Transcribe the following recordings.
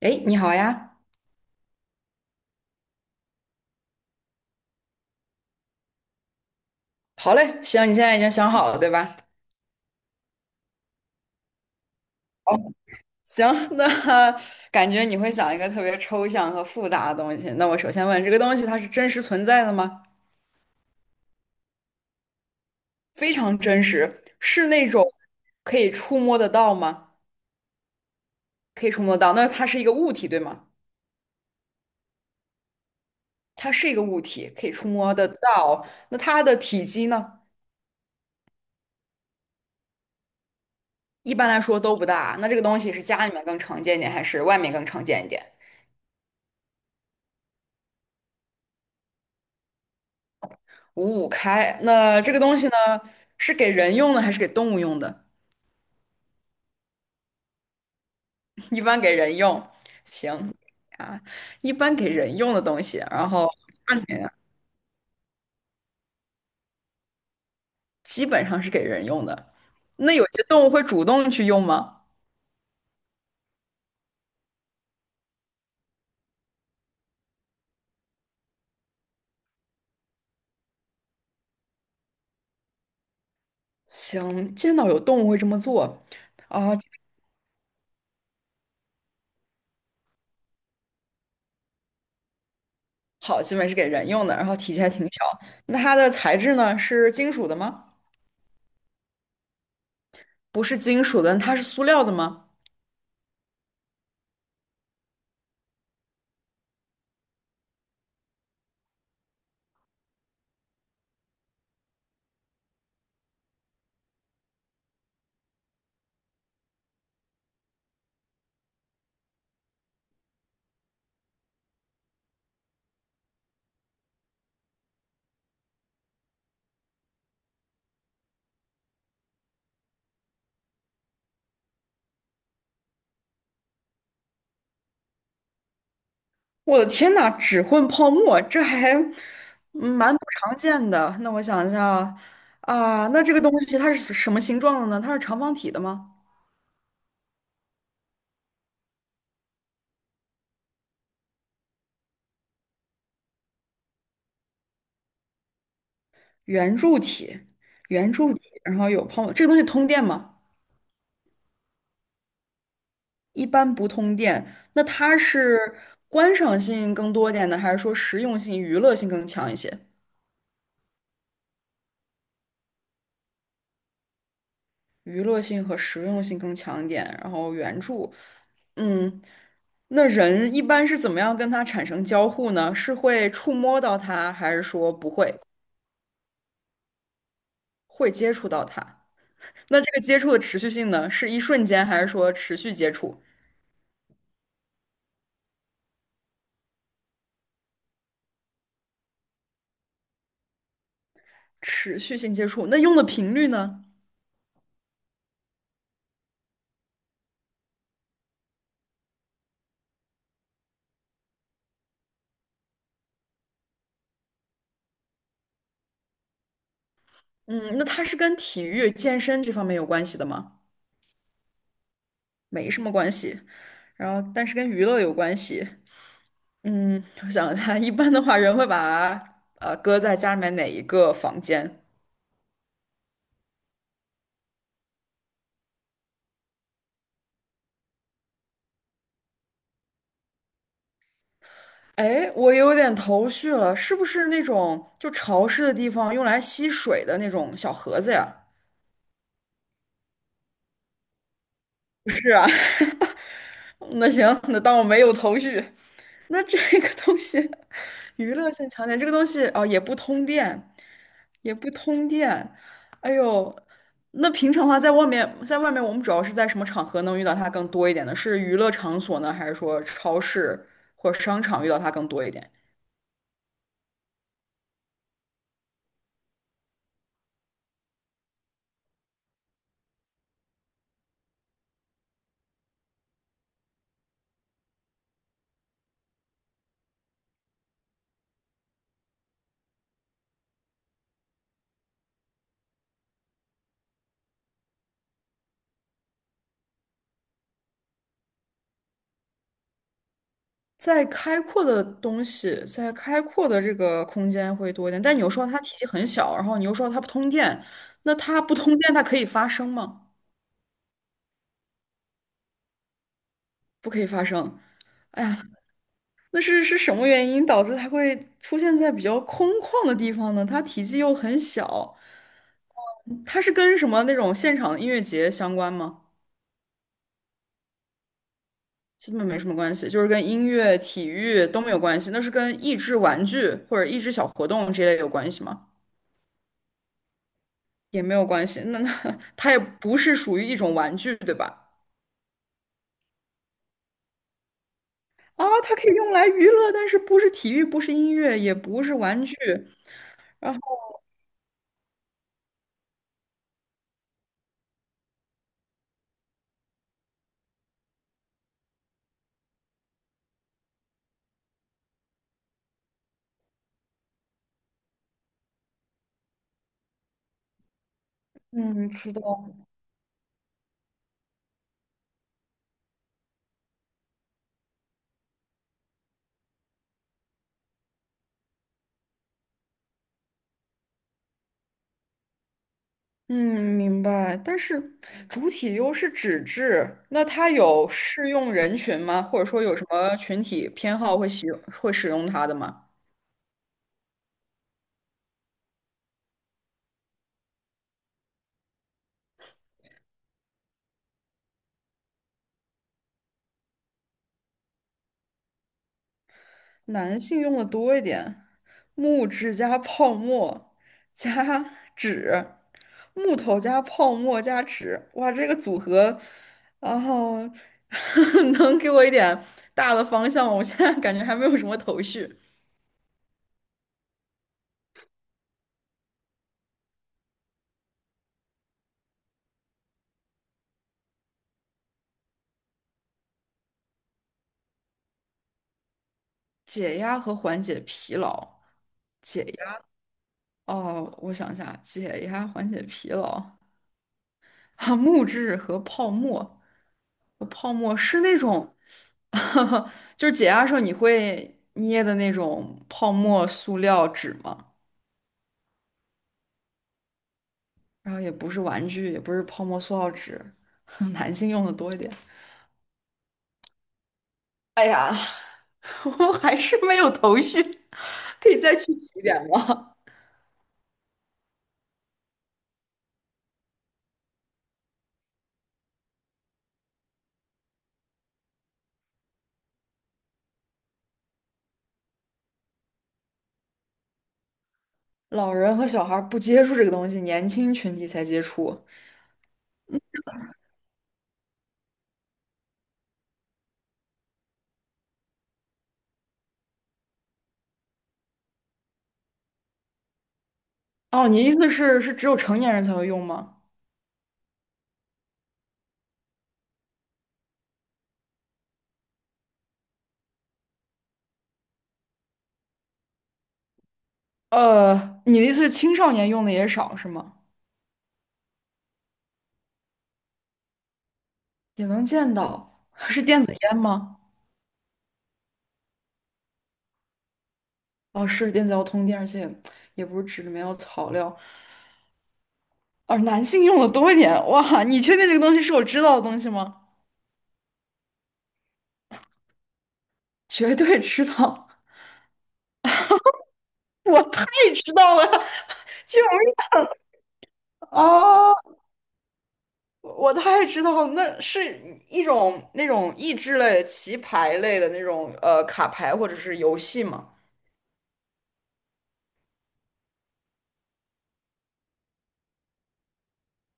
哎，诶你好呀。好嘞，行，你现在已经想好了，对吧？好，行，那 感觉你会想一个特别抽象和复杂的东西。那我首先问，这个东西它是真实存在的吗？非常真实，是那种可以触摸得到吗？可以触摸得到。那它是一个物体，对吗？它是一个物体，可以触摸得到。那它的体积呢？一般来说都不大。那这个东西是家里面更常见一点，还是外面更常见一点？五五开。那这个东西呢，是给人用的还是给动物用的？一般给人用，行啊，一般给人用的东西，然后家里面基本上是给人用的。那有些动物会主动去用吗？行，见到有动物会这么做。啊，好，基本是给人用的，然后体积还挺小。那它的材质呢？是金属的吗？不是金属的，它是塑料的吗？我的天呐，只混泡沫，这还蛮不常见的。那我想一下啊，啊那这个东西它是什么形状的呢？它是长方体的吗？圆柱体，圆柱体，然后有泡沫，这个东西通电吗？一般不通电。那它是观赏性更多一点呢，还是说实用性、娱乐性更强一些？娱乐性和实用性更强一点。然后圆柱，嗯，那人一般是怎么样跟它产生交互呢？是会触摸到它，还是说不会，会接触到它？那这个接触的持续性呢，是一瞬间，还是说持续接触？持续性接触，那用的频率呢？嗯，那它是跟体育、健身这方面有关系的吗？没什么关系，然后但是跟娱乐有关系。嗯，我想一下，一般的话，人会把搁在家里面哪一个房间？哎，我有点头绪了，是不是那种就潮湿的地方用来吸水的那种小盒子呀？不是啊，那行，那当我没有头绪。那这个东西，娱乐性强点，这个东西哦也不通电，也不通电。哎呦，那平常的话，在外面，在外面我们主要是在什么场合能遇到它更多一点呢？是娱乐场所呢，还是说超市或者商场遇到它更多一点？在开阔的东西，在开阔的这个空间会多一点，但你又说它体积很小，然后你又说它不通电，那它不通电，它可以发声吗？不可以发生。哎呀，那是什么原因导致它会出现在比较空旷的地方呢？它体积又很小，它是跟什么那种现场音乐节相关吗？基本没什么关系，就是跟音乐、体育都没有关系。那是跟益智玩具或者益智小活动这类有关系吗？也没有关系。那 它也不是属于一种玩具，对吧？啊，它可以用来娱乐，但是不是体育，不是音乐，也不是玩具。然后，嗯，知道。嗯，明白。但是主体又是纸质，那它有适用人群吗？或者说有什么群体偏好会使用它的吗？男性用的多一点，木质加泡沫加纸，木头加泡沫加纸，哇，这个组合，然后 能给我一点大的方向吗？我现在感觉还没有什么头绪。解压和缓解疲劳。解压。哦，我想一下，解压缓解疲劳啊，木质和泡沫，我泡沫是那种，就是解压的时候你会捏的那种泡沫塑料纸吗？然后也不是玩具，也不是泡沫塑料纸，男性用的多一点。哎呀，我还是没有头绪，可以再具体一点吗？老人和小孩儿不接触这个东西，年轻群体才接触。哦，你意思是只有成年人才会用吗？呃，你的意思是青少年用的也少是吗？也能见到，是电子烟吗？哦，是电子药通电，而且也不是纸里面有草料。而男性用的多一点。哇，你确定这个东西是我知道的东西吗？绝对知道，我太知道了，救命啊！哦我太知道了，那是一种那种益智类、棋牌类的那种卡牌或者是游戏吗？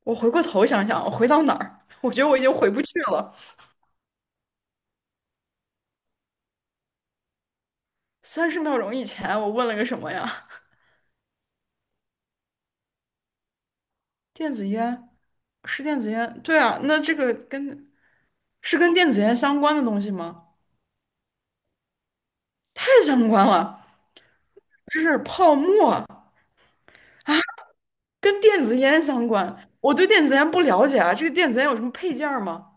我回过头想想，我回到哪儿？我觉得我已经回不去了。30秒钟以前我问了个什么呀？电子烟是电子烟，对啊，那这个是跟电子烟相关的东西吗？太相关了，这是泡沫，跟电子烟相关。我对电子烟不了解啊，这个电子烟有什么配件儿吗？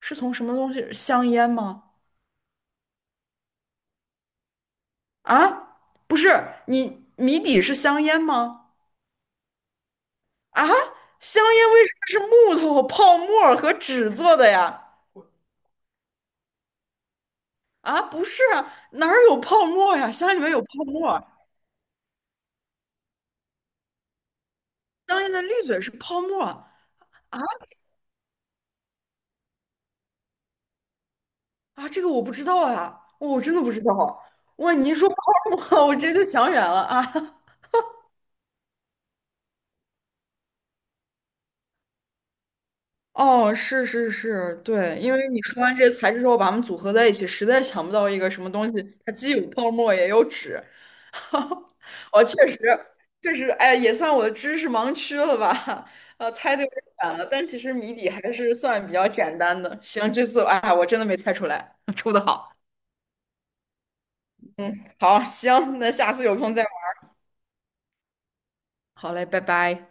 是从什么东西？香烟吗？啊，不是，你谜底是香烟吗？啊，香烟为什么是木头、泡沫和纸做的呀？啊，不是啊哪儿有泡沫呀？香里面有泡沫。香烟的滤嘴是泡沫啊啊，这个我不知道啊，我真的不知道。哇，你一说泡沫，我直接就想远了啊。哦，是是是，对，因为你说完这些材质之后，把它们组合在一起，实在想不到一个什么东西，它既有泡沫也有纸。我确实，确实，哎，也算我的知识盲区了吧？猜的有点远了，但其实谜底还是算比较简单的。行，这次哎，我真的没猜出来，出的好。好，行，那下次有空再。好嘞，拜拜。